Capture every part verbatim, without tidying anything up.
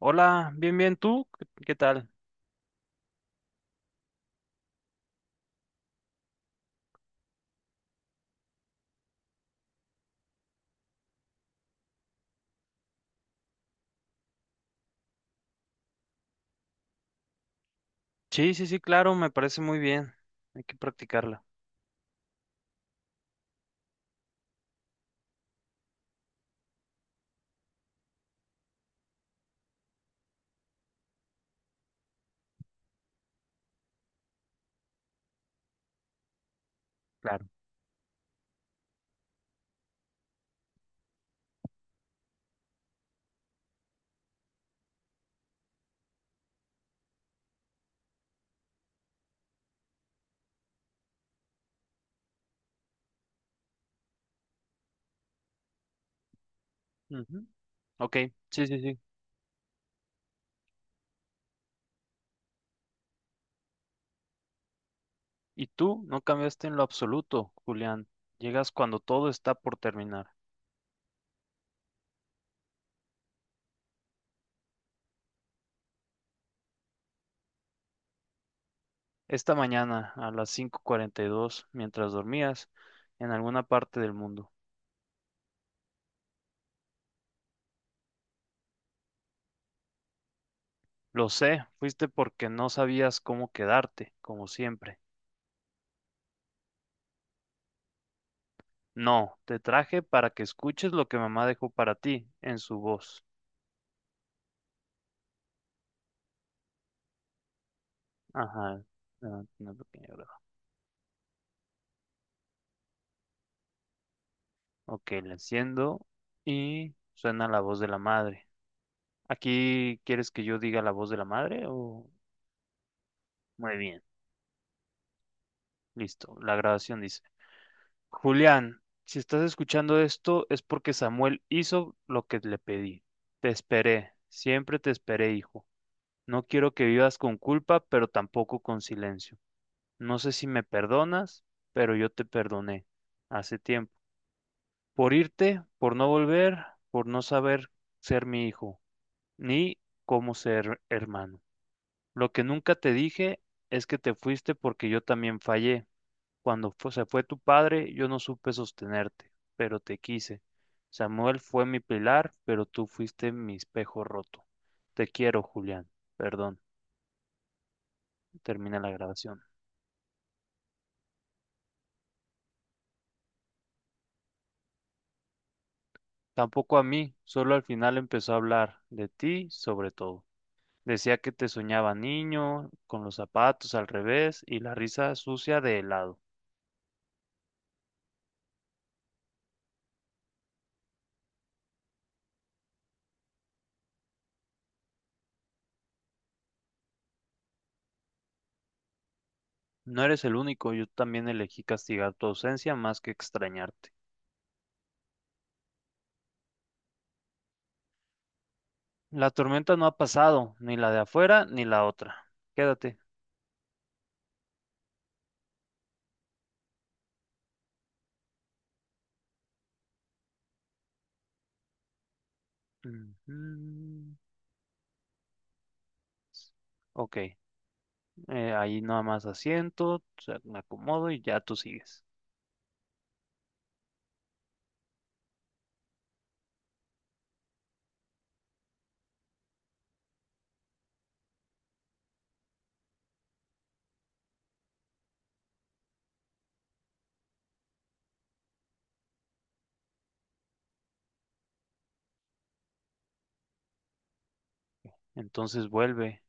Hola, bien, bien, ¿tú? ¿Qué qué tal? Sí, sí, sí, claro, me parece muy bien. Hay que practicarla, claro. Ujú. Ok, sí, sí, sí. Y tú no cambiaste en lo absoluto, Julián. Llegas cuando todo está por terminar. Esta mañana, a las cinco cuarenta y dos, mientras dormías, en alguna parte del mundo. Lo sé, fuiste porque no sabías cómo quedarte, como siempre. No, te traje para que escuches lo que mamá dejó para ti en su voz. Ajá. Ah, una pequeña... Ok, la enciendo y suena la voz de la madre. ¿Aquí quieres que yo diga la voz de la madre o...? Muy bien, listo. La grabación dice, Julián, si estás escuchando esto es porque Samuel hizo lo que le pedí. Te esperé, siempre te esperé, hijo. No quiero que vivas con culpa, pero tampoco con silencio. No sé si me perdonas, pero yo te perdoné hace tiempo. Por irte, por no volver, por no saber ser mi hijo, ni cómo ser hermano. Lo que nunca te dije es que te fuiste porque yo también fallé. Cuando fu- se fue tu padre, yo no supe sostenerte, pero te quise. Samuel fue mi pilar, pero tú fuiste mi espejo roto. Te quiero, Julián. Perdón, termina la grabación. Tampoco a mí, solo al final empezó a hablar de ti, sobre todo. Decía que te soñaba niño, con los zapatos al revés y la risa sucia de helado. No eres el único, yo también elegí castigar tu ausencia más que extrañarte. La tormenta no ha pasado, ni la de afuera ni la otra. Quédate. Ujú. Ok, eh, ahí nada más asiento, o sea, me acomodo y ya tú sigues. Entonces vuelve.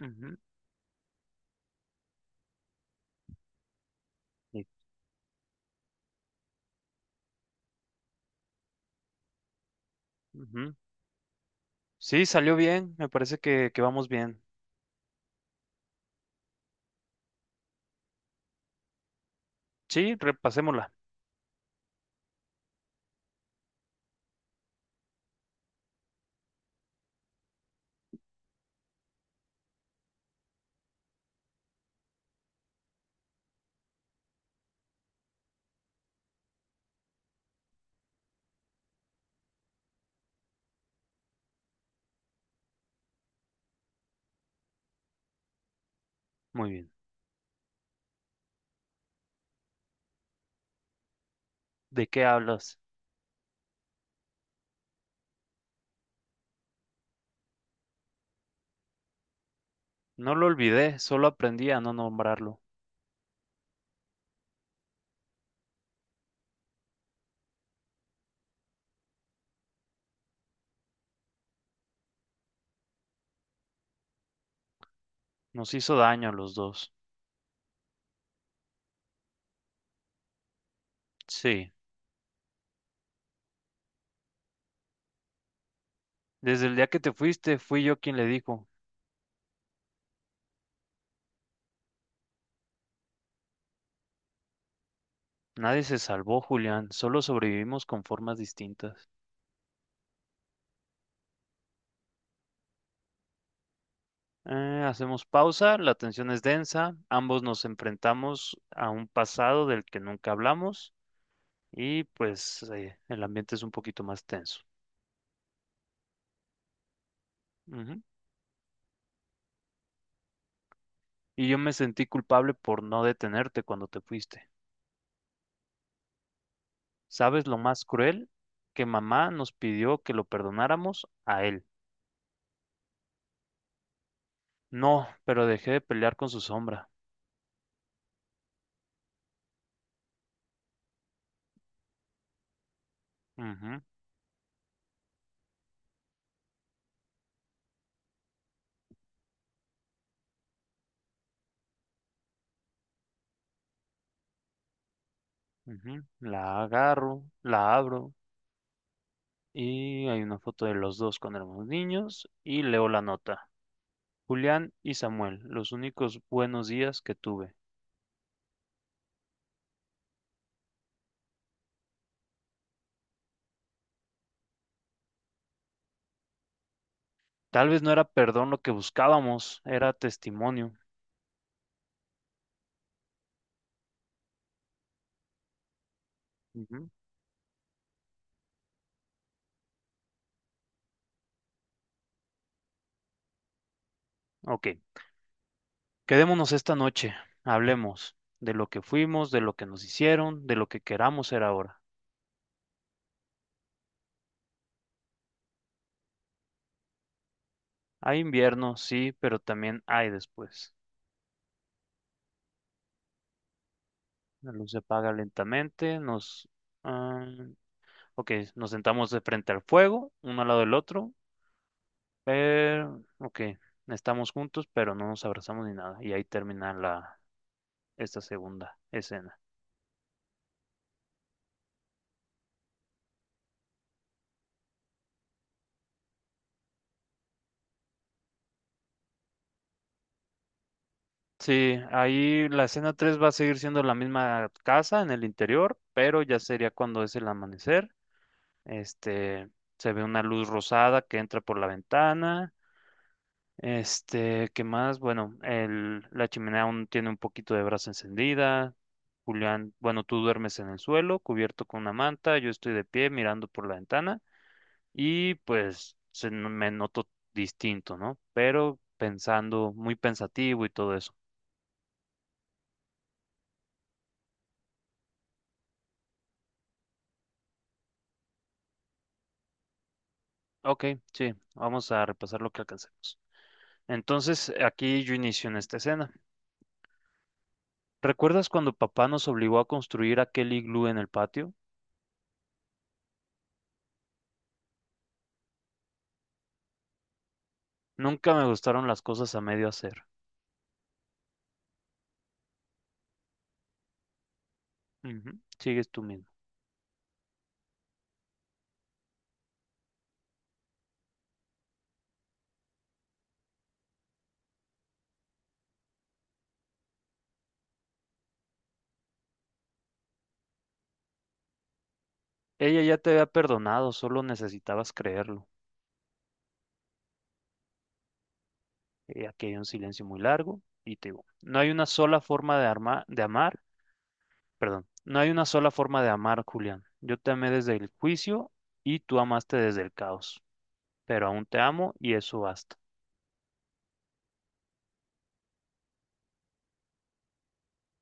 Ujú. Sí, ujú. Sí, salió bien, me parece que, que vamos bien. Sí, repasémosla. Muy bien. ¿De qué hablas? No lo olvidé, solo aprendí a no nombrarlo. Nos hizo daño a los dos. Sí. Desde el día que te fuiste, fui yo quien le dijo, nadie se salvó, Julián, solo sobrevivimos con formas distintas. Eh, hacemos pausa, la tensión es densa, ambos nos enfrentamos a un pasado del que nunca hablamos y pues eh, el ambiente es un poquito más tenso. Ujú. Y yo me sentí culpable por no detenerte cuando te fuiste. ¿Sabes lo más cruel? Que mamá nos pidió que lo perdonáramos a él. No, pero dejé de pelear con su sombra. Ujú. Ujú. La agarro, la abro y hay una foto de los dos cuando éramos niños y leo la nota. Julián y Samuel, los únicos buenos días que tuve. Tal vez no era perdón lo que buscábamos, era testimonio. Ujú. Ok, quedémonos esta noche, hablemos de lo que fuimos, de lo que nos hicieron, de lo que queramos ser ahora. Hay invierno, sí, pero también hay después. La luz se apaga lentamente, nos... ah, ok, nos sentamos de frente al fuego, uno al lado del otro, pero, ok, estamos juntos, pero no nos abrazamos ni nada. Y ahí termina la, esta segunda escena. Sí, ahí la escena tres va a seguir siendo la misma casa en el interior, pero ya sería cuando es el amanecer. Este, se ve una luz rosada que entra por la ventana. Este, ¿qué más? Bueno, el, la chimenea aún tiene un poquito de brasa encendida. Julián, bueno, tú duermes en el suelo, cubierto con una manta, yo estoy de pie mirando por la ventana y pues se, n- me noto distinto, ¿no? Pero pensando, muy pensativo y todo eso. Ok, sí, vamos a repasar lo que alcancemos. Entonces, aquí yo inicio en esta escena. ¿Recuerdas cuando papá nos obligó a construir aquel iglú en el patio? Nunca me gustaron las cosas a medio hacer. Ujú. Sigues tú mismo. Ella ya te había perdonado, solo necesitabas creerlo. Eh, aquí hay un silencio muy largo y te digo, no hay una sola forma de, arma- de amar, perdón, no hay una sola forma de amar, Julián. Yo te amé desde el juicio y tú amaste desde el caos, pero aún te amo y eso basta.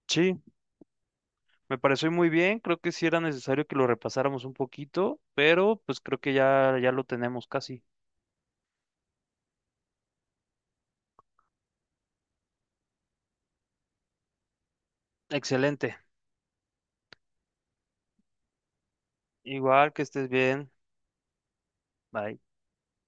Sí, me pareció muy bien, creo que sí era necesario que lo repasáramos un poquito, pero pues creo que ya, ya lo tenemos casi. Excelente. Igual que estés bien. Bye.